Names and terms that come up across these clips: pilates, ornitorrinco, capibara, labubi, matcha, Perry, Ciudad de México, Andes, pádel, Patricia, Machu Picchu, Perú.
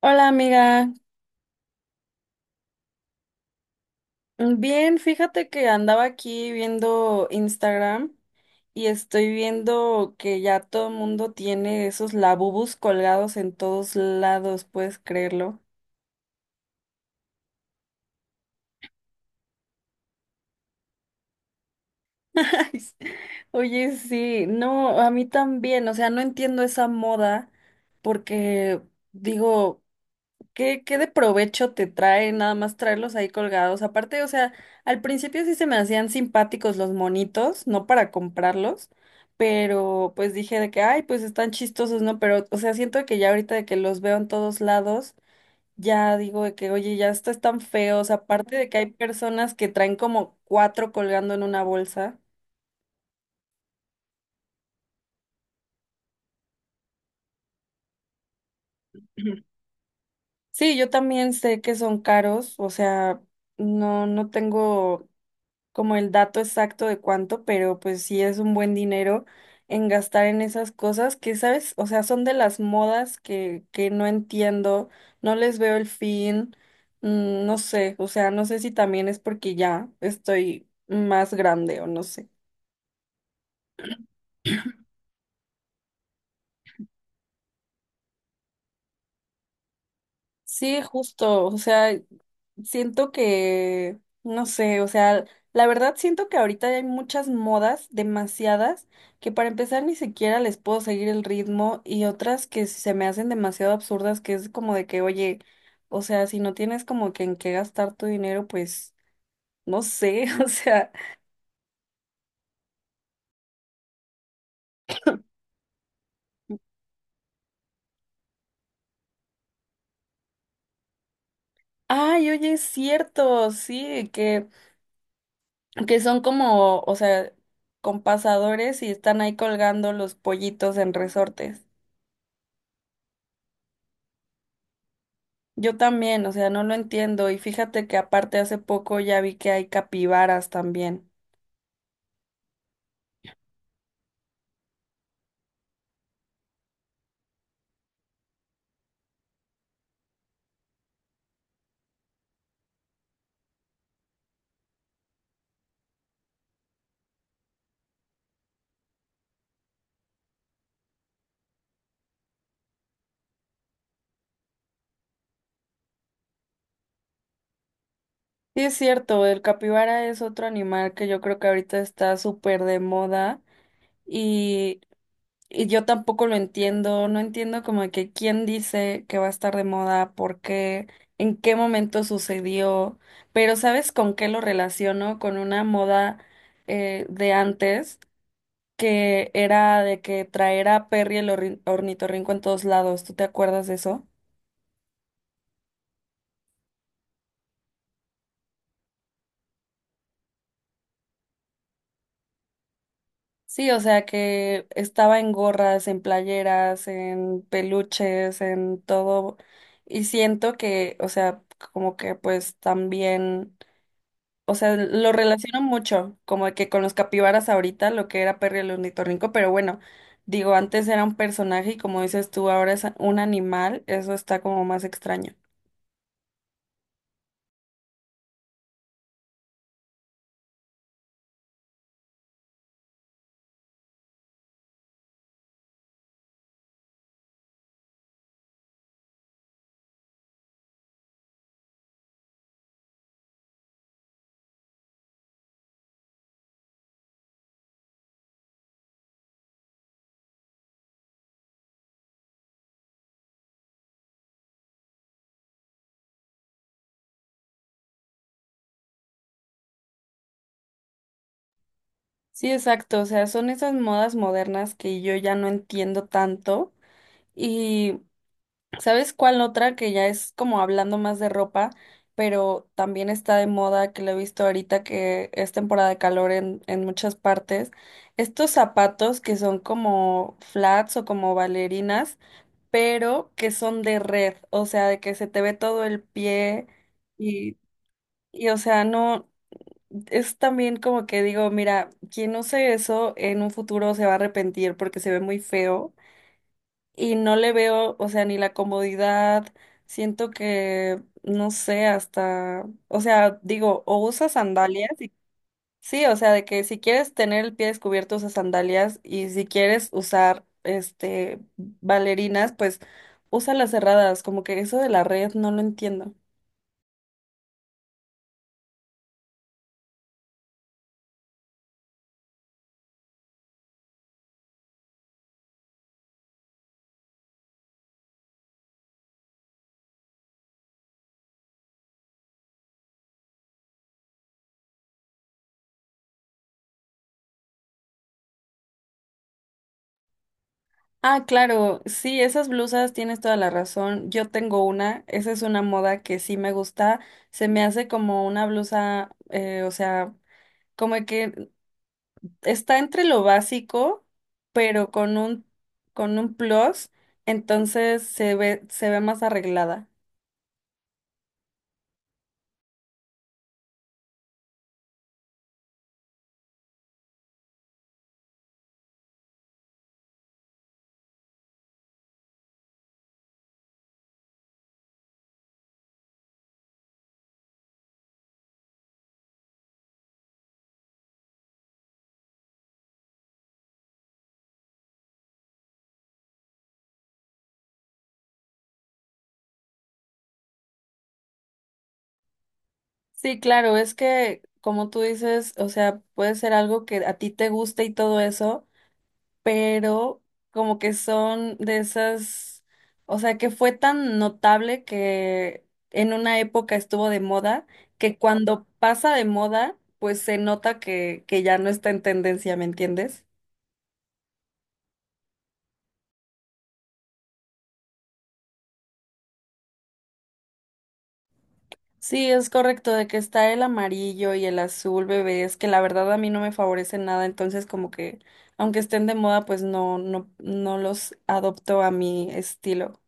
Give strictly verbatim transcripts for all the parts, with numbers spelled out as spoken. Hola amiga, bien, fíjate que andaba aquí viendo Instagram y estoy viendo que ya todo el mundo tiene esos labubus colgados en todos lados, ¿puedes creerlo? Ay, sí. Oye, sí, no, a mí también, o sea, no entiendo esa moda porque digo, ¿Qué, qué de provecho te trae nada más traerlos ahí colgados? Aparte, o sea, al principio sí se me hacían simpáticos los monitos, no para comprarlos, pero pues dije de que, ay, pues están chistosos, ¿no? Pero, o sea, siento que ya ahorita de que los veo en todos lados, ya digo de que, oye, ya estos están feos, aparte de que hay personas que traen como cuatro colgando en una bolsa. Sí, yo también sé que son caros, o sea, no, no tengo como el dato exacto de cuánto, pero pues sí es un buen dinero en gastar en esas cosas que, ¿sabes? O sea, son de las modas que, que no entiendo, no les veo el fin, mm, no sé, o sea, no sé si también es porque ya estoy más grande o no sé. Sí, justo, o sea, siento que, no sé, o sea, la verdad siento que ahorita hay muchas modas, demasiadas, que para empezar ni siquiera les puedo seguir el ritmo y otras que se me hacen demasiado absurdas, que es como de que, oye, o sea, si no tienes como que en qué gastar tu dinero, pues, no sé, o sea, ay, oye, es cierto, sí, que, que son como, o sea, con pasadores y están ahí colgando los pollitos en resortes. Yo también, o sea, no lo entiendo. Y fíjate que aparte hace poco ya vi que hay capibaras también. Sí, es cierto, el capibara es otro animal que yo creo que ahorita está súper de moda y, y yo tampoco lo entiendo, no entiendo como de que quién dice que va a estar de moda, por qué, en qué momento sucedió, pero ¿sabes con qué lo relaciono? Con una moda eh, de antes que era de que traer a Perry el orri- ornitorrinco en todos lados. ¿Tú te acuerdas de eso? Sí, o sea que estaba en gorras, en playeras, en peluches, en todo. Y siento que, o sea, como que pues también, o sea, lo relaciono mucho, como que con los capibaras ahorita, lo que era Perry el ornitorrinco, pero bueno, digo, antes era un personaje y como dices tú, ahora es un animal, eso está como más extraño. Sí, exacto. O sea, son esas modas modernas que yo ya no entiendo tanto. Y, ¿sabes cuál otra que ya es como hablando más de ropa, pero también está de moda, que lo he visto ahorita que es temporada de calor en, en muchas partes? Estos zapatos que son como flats o como bailarinas, pero que son de red, o sea, de que se te ve todo el pie y, y o sea, no es también como que digo, mira, quien use eso en un futuro se va a arrepentir porque se ve muy feo y no le veo, o sea, ni la comodidad, siento que, no sé, hasta, o sea, digo, o usas sandalias y sí, o sea, de que si quieres tener el pie descubierto usas sandalias y si quieres usar, este, bailarinas, pues usa las cerradas, como que eso de la red no lo entiendo. Ah, claro, sí, esas blusas tienes toda la razón. Yo tengo una, esa es una moda que sí me gusta. Se me hace como una blusa, eh, o sea, como que está entre lo básico, pero con un, con un plus, entonces se ve, se ve más arreglada. Sí, claro, es que como tú dices, o sea, puede ser algo que a ti te guste y todo eso, pero como que son de esas, o sea, que fue tan notable que en una época estuvo de moda, que cuando pasa de moda, pues se nota que, que ya no está en tendencia, ¿me entiendes? Sí, es correcto, de que está el amarillo y el azul, bebé, es que la verdad a mí no me favorece nada, entonces como que aunque estén de moda, pues no, no, no los adopto a mi estilo.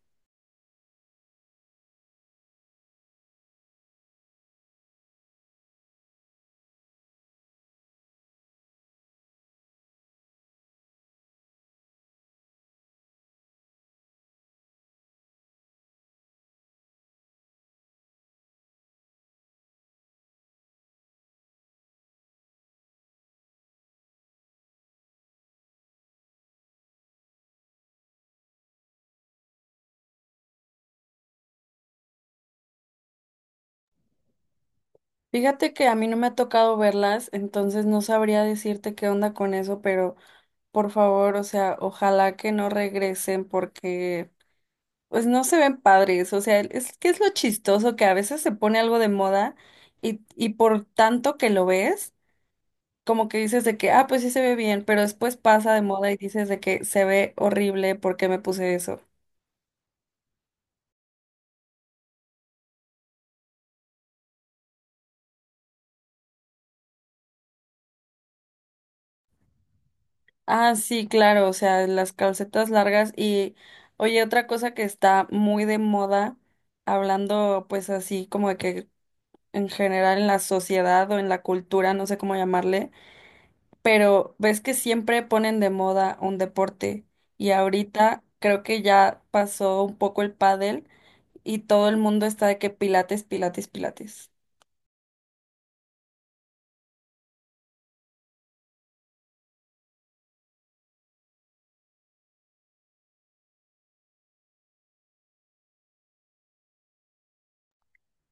Fíjate que a mí no me ha tocado verlas, entonces no sabría decirte qué onda con eso, pero por favor, o sea, ojalá que no regresen porque pues no se ven padres, o sea, es que es lo chistoso que a veces se pone algo de moda y, y por tanto que lo ves, como que dices de que, ah, pues sí se ve bien, pero después pasa de moda y dices de que se ve horrible, ¿por qué me puse eso? Ah, sí, claro, o sea, las calcetas largas y, oye, otra cosa que está muy de moda, hablando pues así como de que en general en la sociedad o en la cultura, no sé cómo llamarle, pero ves que siempre ponen de moda un deporte y ahorita creo que ya pasó un poco el pádel y todo el mundo está de que pilates, pilates, pilates.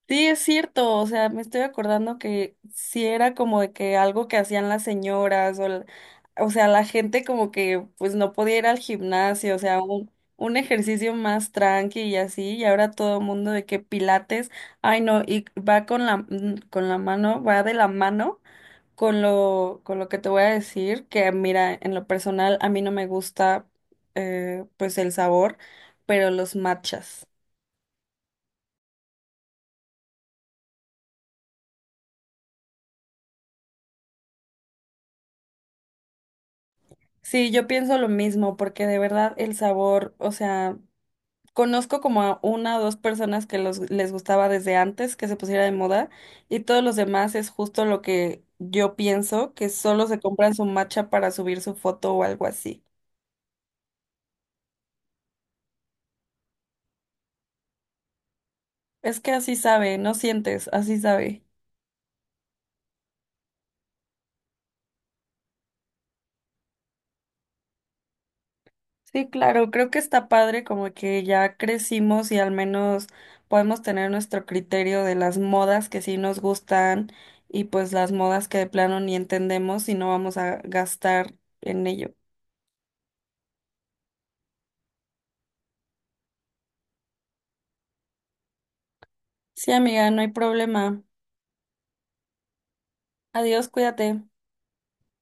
Sí, es cierto, o sea, me estoy acordando que sí era como de que algo que hacían las señoras o, la- o sea, la gente como que pues no podía ir al gimnasio, o sea, un, un ejercicio más tranqui y así, y ahora todo el mundo de que pilates, ay no, y va con la mm, con la mano, va de la mano con lo con lo que te voy a decir, que mira, en lo personal a mí no me gusta eh, pues el sabor, pero los matchas. Sí, yo pienso lo mismo, porque de verdad el sabor, o sea, conozco como a una o dos personas que los, les gustaba desde antes que se pusiera de moda, y todos los demás es justo lo que yo pienso, que solo se compran su matcha para subir su foto o algo así. Es que así sabe, no sientes, así sabe. Sí, claro, creo que está padre como que ya crecimos y al menos podemos tener nuestro criterio de las modas que sí nos gustan y pues las modas que de plano ni entendemos y no vamos a gastar en ello. Sí, amiga, no hay problema. Adiós, cuídate.